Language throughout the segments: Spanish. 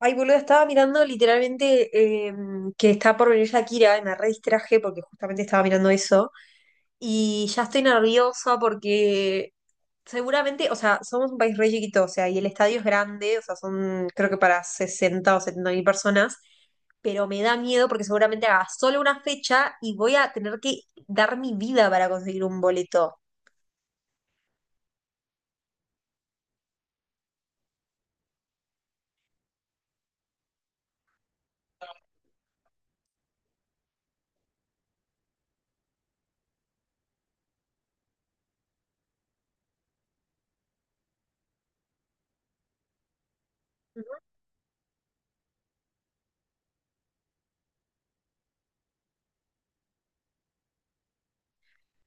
Ay, boludo, estaba mirando literalmente, eh, que está por venir Shakira y me re distraje porque justamente estaba mirando eso. Y ya estoy nerviosa porque seguramente, o sea, somos un país re chiquito, o sea, y el estadio es grande, o sea, son creo que para 60 o 70 mil personas, pero me da miedo porque seguramente haga solo una fecha y voy a tener que dar mi vida para conseguir un boleto.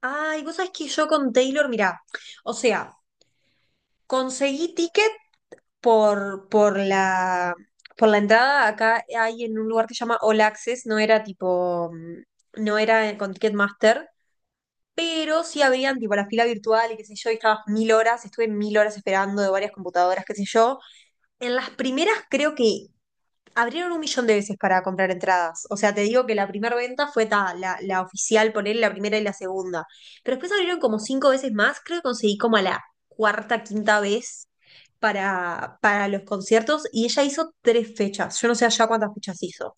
Ay, vos sabés que yo con Taylor, mirá, o sea, conseguí ticket por, por la, por la entrada. Acá hay en un lugar que se llama All Access, no era tipo, no era con Ticketmaster, pero sí habían tipo la fila virtual y qué sé yo, y estabas mil horas, estuve mil horas esperando de varias computadoras, qué sé yo. En las primeras creo que abrieron un millón de veces para comprar entradas. O sea, te digo que la primera venta fue ta, la oficial, poner la primera y la segunda. Pero después abrieron como cinco veces más, creo que conseguí como a la cuarta, quinta vez para los conciertos y ella hizo tres fechas. Yo no sé allá cuántas fechas hizo.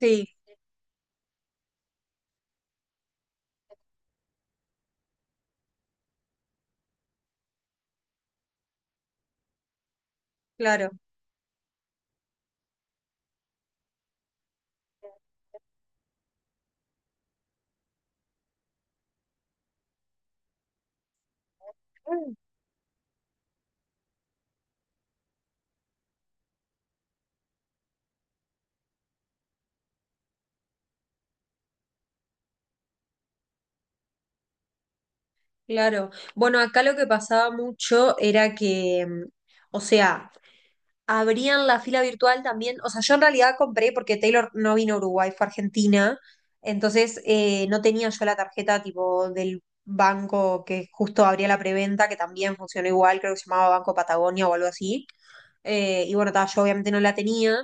Sí, claro. Mm. Claro. Bueno, acá lo que pasaba mucho era que, o sea, abrían la fila virtual también. O sea, yo en realidad compré porque Taylor no vino a Uruguay, fue a Argentina. Entonces no tenía yo la tarjeta tipo del banco que justo abría la preventa, que también funcionó igual, creo que se llamaba Banco Patagonia o algo así. Y bueno, ta, yo obviamente no la tenía,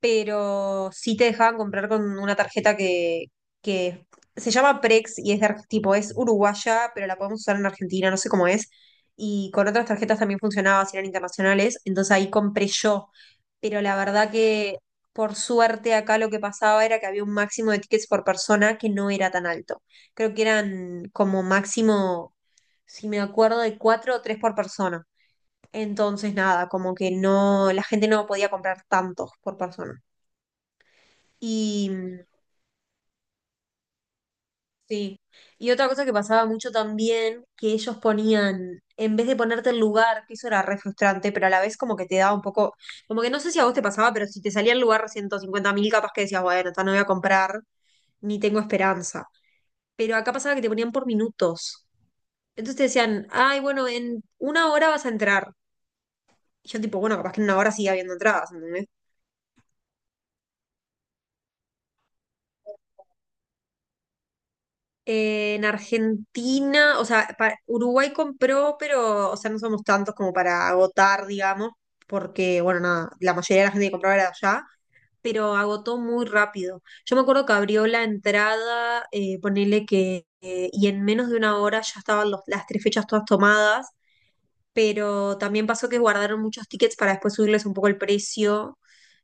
pero sí te dejaban comprar con una tarjeta que se llama Prex y es de tipo, es uruguaya, pero la podemos usar en Argentina, no sé cómo es. Y con otras tarjetas también funcionaba, si eran internacionales, entonces ahí compré yo. Pero la verdad que, por suerte, acá lo que pasaba era que había un máximo de tickets por persona que no era tan alto. Creo que eran como máximo, si me acuerdo, de cuatro o tres por persona. Entonces, nada, como que no, la gente no podía comprar tantos por persona. Y sí, y otra cosa que pasaba mucho también, que ellos ponían, en vez de ponerte el lugar, que eso era re frustrante, pero a la vez como que te daba un poco, como que no sé si a vos te pasaba, pero si te salía el lugar 150.000, capaz que decías, bueno, esta no voy a comprar, ni tengo esperanza. Pero acá pasaba que te ponían por minutos. Entonces te decían, ay, bueno, en una hora vas a entrar. Y yo tipo, bueno, capaz que en una hora sigue habiendo entradas, ¿entendés? En Argentina, o sea, Uruguay compró, pero, o sea, no somos tantos como para agotar, digamos, porque, bueno, nada, la mayoría de la gente que compraba era de allá, pero agotó muy rápido. Yo me acuerdo que abrió la entrada, ponele que, y en menos de una hora ya estaban las tres fechas todas tomadas, pero también pasó que guardaron muchos tickets para después subirles un poco el precio,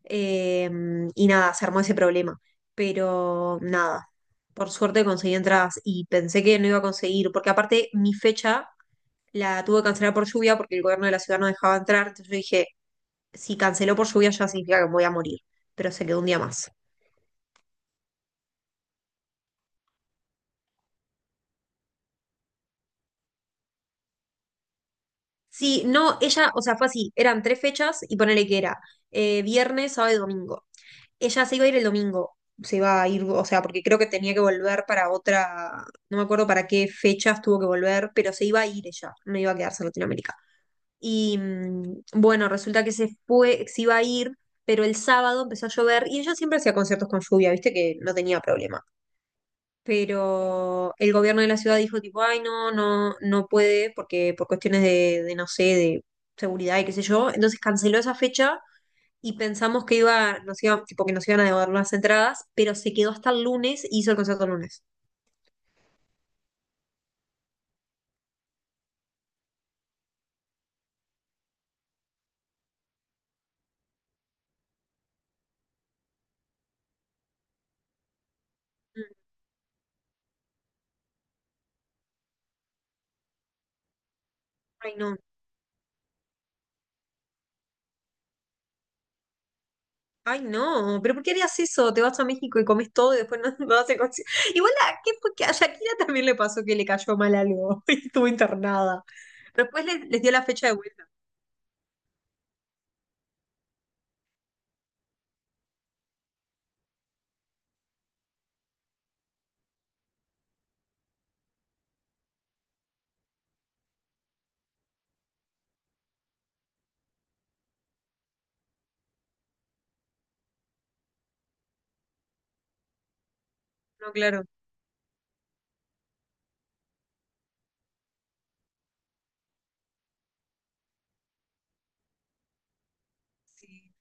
eh, y nada, se armó ese problema. Pero nada, por suerte conseguí entradas y pensé que no iba a conseguir, porque aparte mi fecha la tuve que cancelar por lluvia porque el gobierno de la ciudad no dejaba entrar. Entonces yo dije, si canceló por lluvia ya significa que me voy a morir, pero se quedó un día más. Sí, no, ella, o sea, fue así, eran tres fechas y ponele que era, viernes, sábado y domingo. Ella se iba a ir el domingo, se iba a ir, o sea, porque creo que tenía que volver para otra, no me acuerdo para qué fechas tuvo que volver, pero se iba a ir ella, no iba a quedarse en Latinoamérica. Y bueno, resulta que se fue, se iba a ir, pero el sábado empezó a llover y ella siempre hacía conciertos con lluvia, viste que no tenía problema. Pero el gobierno de la ciudad dijo tipo, ay, no, no, no puede, porque por cuestiones de, no sé, de seguridad y qué sé yo. Entonces canceló esa fecha y pensamos que iba, nos iba, tipo, que nos iban a devolver las entradas, pero se quedó hasta el lunes y hizo el concierto el lunes. Mm, ay, no. Ay, no, pero ¿por qué harías eso? Te vas a México y comes todo y después no, no haces concierto. Igual, ¿a ¿qué fue que a Shakira también le pasó que le cayó mal algo y estuvo internada? Después les dio la fecha de vuelta. No, claro. Sí.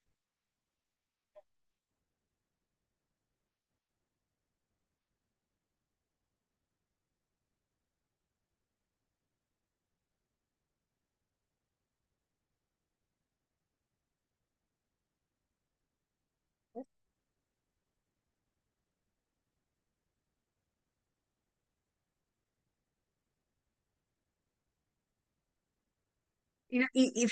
Y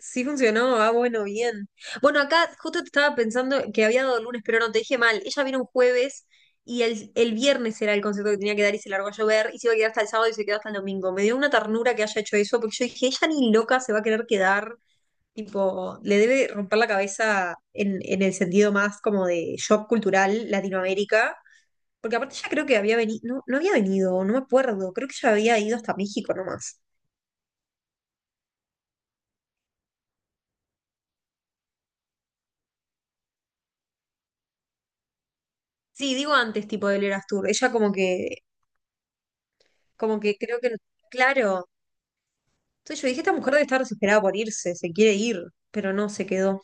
sí funcionó, ah, bueno, bien. Bueno, acá justo te estaba pensando que había dado el lunes, pero no, te dije mal. Ella vino un jueves y el viernes era el concierto que tenía que dar y se largó a llover y se iba a quedar hasta el sábado y se quedó hasta el domingo. Me dio una ternura que haya hecho eso porque yo dije, ella ni loca se va a querer quedar, tipo, le debe romper la cabeza en el sentido más como de shock cultural Latinoamérica. Porque aparte ella creo que había venido, no, no había venido, no me acuerdo, creo que ella había ido hasta México nomás. Sí, digo antes, tipo del Eras Tour. Ella como que creo que, no, claro. Entonces yo dije, esta mujer debe estar desesperada por irse, se quiere ir, pero no, se quedó.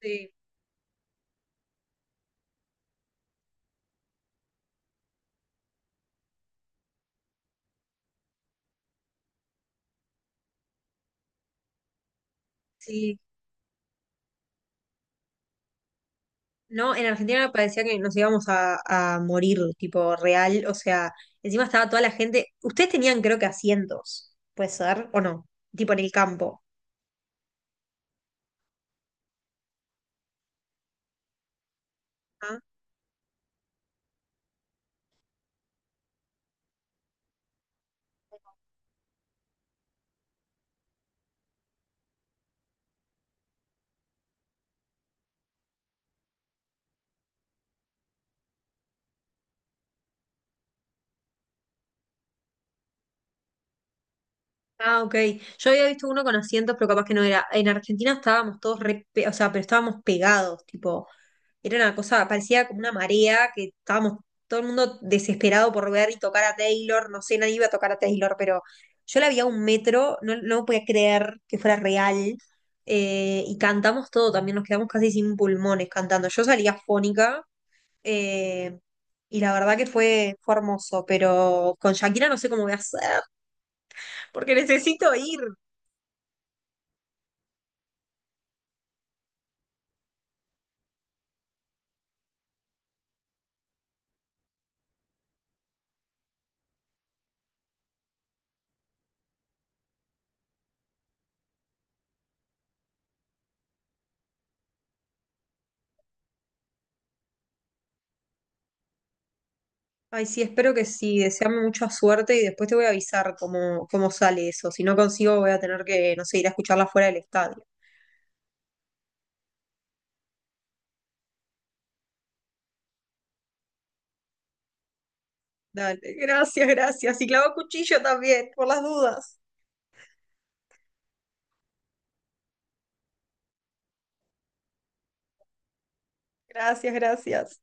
Sí, sí. No, en Argentina parecía que nos íbamos a morir, tipo real. O sea, encima estaba toda la gente. Ustedes tenían, creo que, asientos, ¿puede ser? ¿O no? Tipo en el campo. Ah, ah, ok. Yo había visto uno con asientos, pero capaz que no era. En Argentina estábamos todos re, o sea, pero estábamos pegados, tipo. Era una cosa, parecía como una marea, que estábamos todo el mundo desesperado por ver y tocar a Taylor. No sé, nadie iba a tocar a Taylor, pero yo la vi a un metro, no, no podía creer que fuera real. Y cantamos todo también, nos quedamos casi sin pulmones cantando. Yo salía fónica. eh, y la verdad que fue hermoso, pero con Shakira no sé cómo voy a hacer, porque necesito ir. Ay, sí, espero que sí. Deseame mucha suerte y después te voy a avisar cómo sale eso. Si no consigo, voy a tener que, no sé, ir a escucharla fuera del estadio. Dale, gracias, gracias. Y clavo cuchillo también, por las dudas. Gracias, gracias.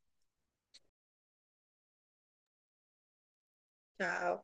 Chao.